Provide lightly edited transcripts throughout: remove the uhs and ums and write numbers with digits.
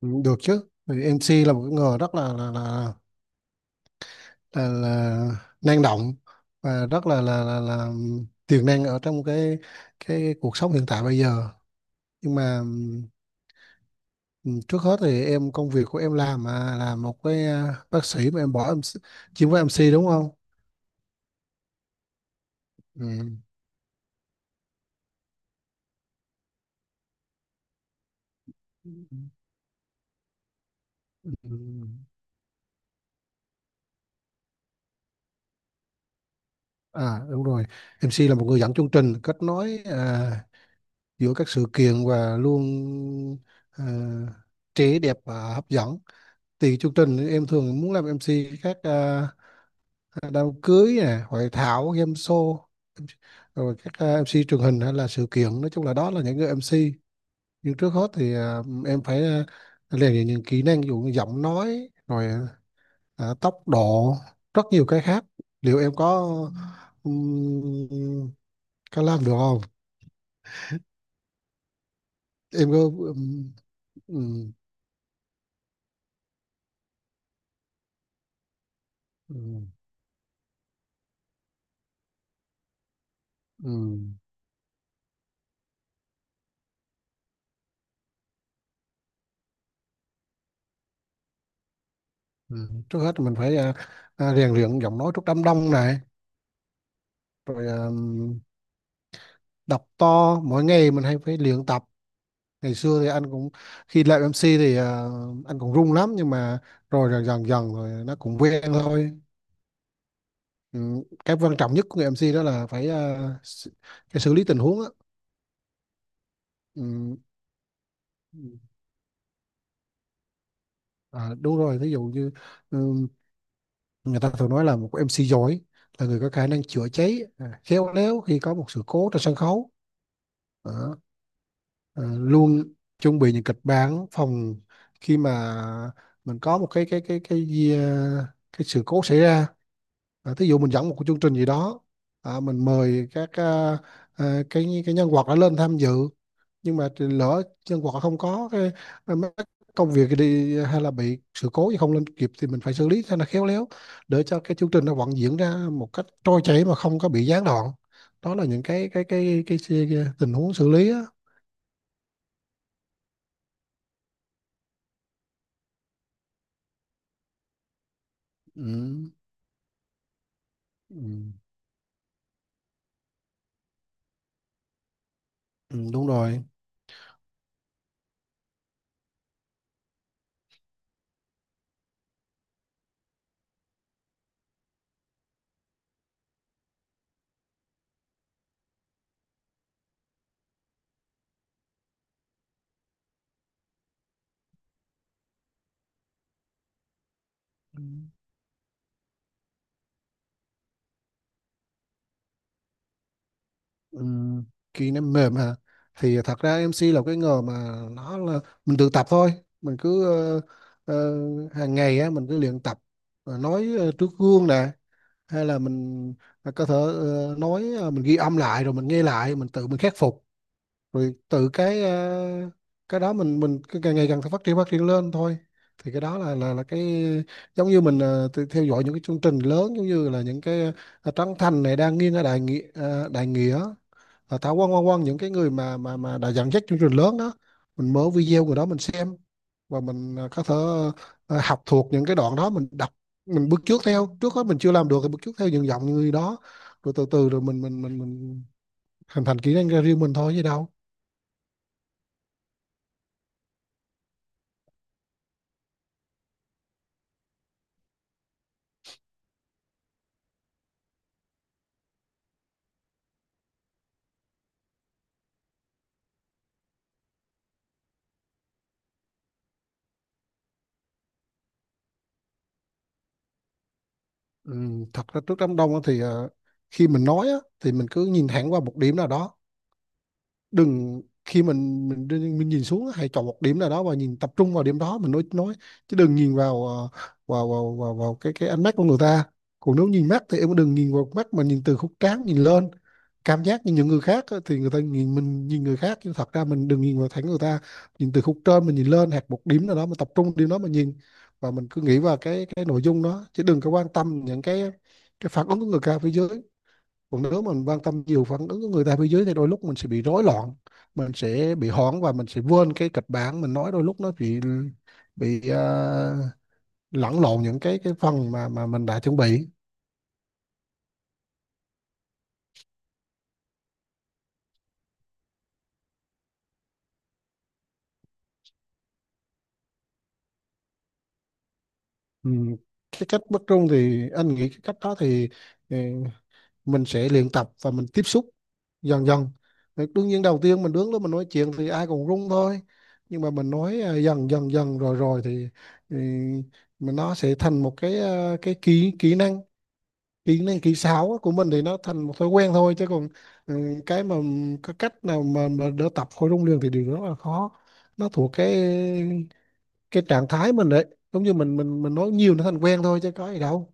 Ừ, được chứ. Vì MC là một cái người rất là là, là năng động và rất là tiềm năng ở trong cái cuộc sống hiện tại bây giờ, nhưng mà ừ, trước hết thì em, công việc của em làm mà là một bác sĩ, mà em bỏ em chuyên với MC đúng không? Ừ. Ừ. Đúng rồi, MC là một người dẫn chương trình kết nối giữa các sự kiện, và luôn à, trẻ đẹp và hấp dẫn. Thì chương trình thì em thường muốn làm em MC các đám cưới nè, hội thảo, game show, rồi các MC truyền hình hay là sự kiện, nói chung là đó là những người em MC. Nhưng trước hết thì em phải rèn luyện những kỹ năng, ví dụ như giọng nói, rồi tốc độ, rất nhiều cái khác. Liệu em um, có làm được không? Em có ừm, ừm, ừm, Trước hết thì mình phải rèn luyện giọng nói trước đám đông này, rồi đọc to mỗi ngày, mình hay phải luyện tập. Ngày xưa thì anh cũng, khi làm MC thì anh cũng run lắm, nhưng mà rồi dần dần dần rồi nó cũng quen thôi. Ừ. Cái quan trọng nhất của người MC đó là phải s- cái xử lý tình huống á. Ừ. Đúng rồi, ví dụ như ừ, người ta thường nói là một MC giỏi là người có khả năng chữa cháy khéo léo khi có một sự cố trên sân khấu. Đó. Ờ, Luôn chuẩn bị những kịch bản phòng khi mà mình có một cái sự cố xảy ra. Thí dụ mình dẫn một cái chương trình gì đó, mình mời các cái nhân vật đã lên tham dự, nhưng mà thì lỡ nhân vật không có cái mấy cái công việc đi hay là bị sự cố gì không lên kịp thì mình phải xử lý cho nó khéo léo, để cho cái chương trình nó vẫn diễn ra một cách trôi chảy mà không có bị gián đoạn. Đó là những cái tình huống xử lý á. Ừ. Ừ, ừ, đúng rồi. Ừ. Ừ, khi nó mềm hả, thì thật ra em MC là cái nghề mà nó là mình tự tập thôi. Mình cứ ờ, hàng ngày á, mình cứ luyện tập. Rồi nói trước gương nè, hay là mình có thể nói, mình ghi âm lại rồi mình nghe lại, mình tự mình khắc phục, rồi tự cái đó mình cứ càng ngày càng phát triển lên thôi. Thì cái đó là cái giống như mình tự theo dõi những cái chương trình lớn, giống như là những cái Trấn Thành này, đang nghiêng ở đại nghĩa, đại nghĩa, Thảo Quang Quang Quang những cái người mà đã dẫn dắt chương trình lớn đó, mình mở video của đó mình xem và mình có thể học thuộc những cái đoạn đó mình đọc, mình bước trước theo, trước hết mình chưa làm được thì bước trước theo những giọng người đó, rồi từ từ rồi mình hình thành kỹ năng ra riêng mình thôi chứ đâu. Thật ra trước đám đông á thì khi mình nói á, thì mình cứ nhìn thẳng qua một điểm nào đó, đừng khi mình nhìn xuống, hãy chọn một điểm nào đó và nhìn tập trung vào điểm đó mình nói. Chứ đừng nhìn vào ờ, vào vào vào, vào cái ánh mắt của người ta. Còn nếu nhìn mắt thì em đừng nhìn vào mắt, mà nhìn từ khúc trán nhìn lên, cảm giác như những người khác á, thì người ta nhìn mình, nhìn người khác, nhưng thật ra mình đừng nhìn vào thẳng người ta, nhìn từ khúc trên mình nhìn lên, hoặc một điểm nào đó mình tập trung điểm đó mà nhìn. Và mình cứ nghĩ vào cái nội dung đó, chứ đừng có quan tâm những cái phản ứng của người ta phía dưới. Còn nếu mình quan tâm nhiều phản ứng của người ta phía dưới thì đôi lúc mình sẽ bị rối loạn, mình sẽ bị hoảng và mình sẽ quên cái kịch bản mình nói, đôi lúc nó bị lẫn lộn những cái phần mà mình đã chuẩn bị. Ừ. Cái cách bất trung thì anh nghĩ cái cách đó thì, ừ, mình sẽ luyện tập và mình tiếp xúc dần dần. Thì đương nhiên đầu tiên mình đứng đó mình nói chuyện thì ai cũng run thôi, nhưng mà mình nói dần dần dần rồi rồi thì, thì mình nó sẽ thành một cái kỹ kỹ năng, kỹ năng kỹ xảo của mình thì nó thành một thói quen thôi, chứ còn ừ, cái mà cái cách nào mà đỡ tập khối rung liền thì điều đó là khó, nó thuộc cái trạng thái mình đấy, giống như mình nói nhiều nó thành quen thôi chứ có gì đâu.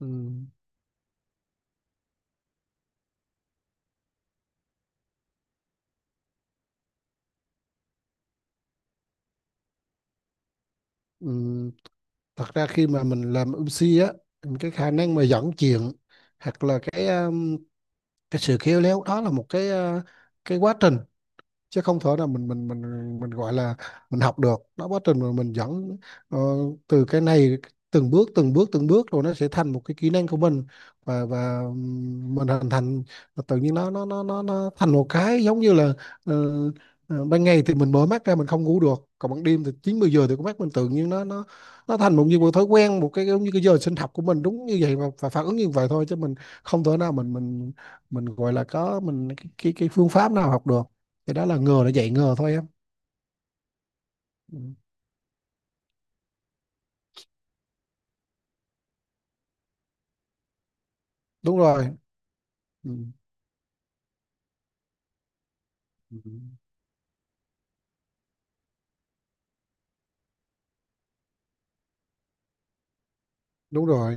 Ừ. Ừ. Thật ra khi mà mình làm MC á, cái khả năng mà dẫn chuyện hoặc là cái sự khéo léo đó là một cái quá trình, chứ không thể nào mình gọi là mình học được đó, quá trình mà mình dẫn ờ, từ cái này, từng bước từng bước từng bước rồi nó sẽ thành một cái kỹ năng của mình, và mình hình thành, và tự nhiên nó thành một cái giống như là ờ, ban ngày thì mình mở mắt ra mình không ngủ được, còn ban đêm thì chín mười giờ thì con mắt mình tự nhiên nó thành một như một thói quen, một cái giống như cái giờ sinh học của mình đúng như vậy, và phản ứng như vậy thôi, chứ mình không thể nào mình gọi là có mình cái phương pháp nào học được, cái đó là ngờ nó dạy ngờ thôi em. Ừ, đúng rồi. ừ, ừ, Đúng rồi,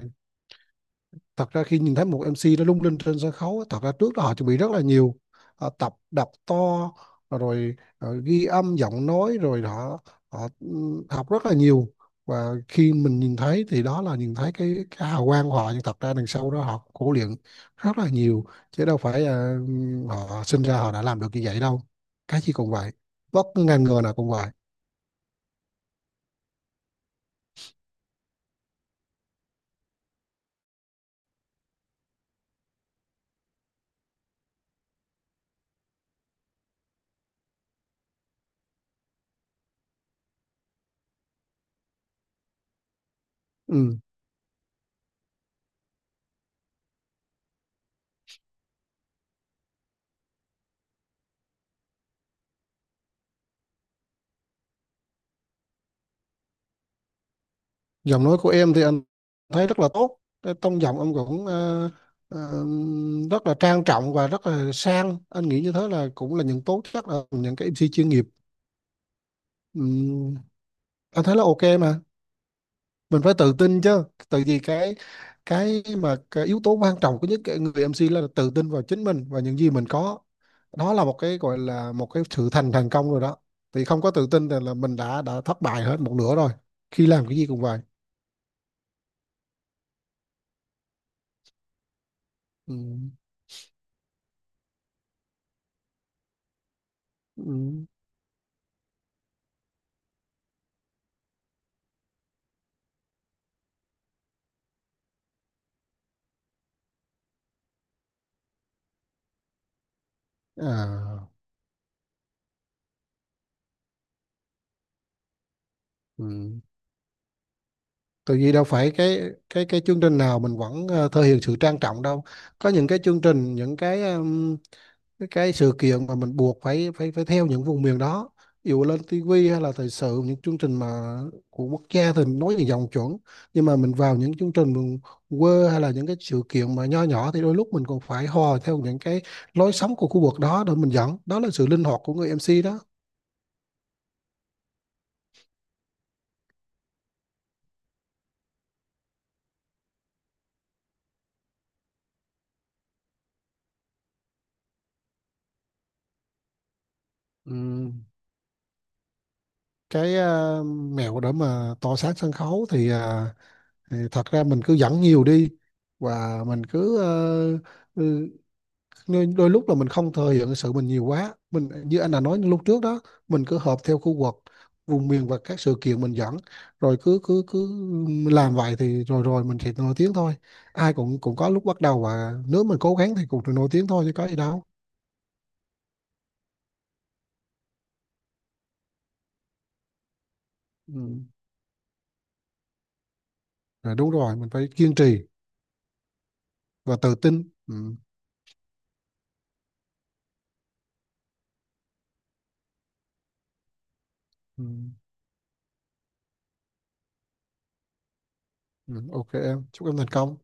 thật ra khi nhìn thấy một MC nó lung linh trên sân khấu á, thật ra trước đó họ chuẩn bị rất là nhiều. Họ tập đập to, rồi ghi âm giọng nói, rồi họ họ ừ, học rất là nhiều, và khi mình nhìn thấy thì đó là nhìn thấy cái hào quang của họ, nhưng thật ra đằng sau đó họ khổ luyện rất là nhiều, chứ đâu phải họ sinh ra họ đã làm được như vậy đâu, cái gì cũng vậy, bất cứ ngành nghề nào cũng vậy. Ừ. Giọng nói của em thì anh thấy rất là tốt, cái tông giọng em cũng ờ, rất là trang trọng và rất là sang, anh nghĩ như thế là cũng là những tố chất, là những cái MC chuyên nghiệp. Ừm, anh thấy là ok mà, mình phải tự tin chứ, tại vì cái mà cái yếu tố quan trọng của những cái người MC là tự tin vào chính mình và những gì mình có, đó là một cái gọi là một cái sự thành thành công rồi đó, thì không có tự tin thì là mình đã thất bại hết một nửa rồi, khi làm cái gì cũng vậy. Ừm, ừm. À. Ừ. Tại vì đâu phải cái chương trình nào mình vẫn thể hiện sự trang trọng đâu. Có những cái chương trình, những cái sự kiện mà mình buộc phải phải phải theo những vùng miền đó. Ví dụ lên tivi hay là thời sự, những chương trình mà của quốc gia thì nói những dòng chuẩn. Nhưng mà mình vào những chương trình mình quê, hay là những cái sự kiện mà nho nhỏ thì đôi lúc mình còn phải hò theo những cái lối sống của khu vực đó để mình dẫn. Đó là sự linh hoạt của người MC đó. Ừm, Cái mẹo để mà tỏ sáng sân khấu thì thật ra mình cứ dẫn nhiều đi, và mình cứ đôi lúc là mình không thừa hiện sự mình nhiều quá, mình như anh đã nói lúc trước đó, mình cứ hợp theo khu vực vùng miền và các sự kiện mình dẫn, rồi cứ cứ cứ làm vậy thì rồi rồi mình sẽ nổi tiếng thôi, ai cũng cũng có lúc bắt đầu, và nếu mình cố gắng thì cũng được nổi tiếng thôi chứ có gì đâu. Ừ. Rồi đúng rồi, mình phải kiên trì và tự tin. Ừ. Ừ. Ừ. Ok, em chúc em thành công.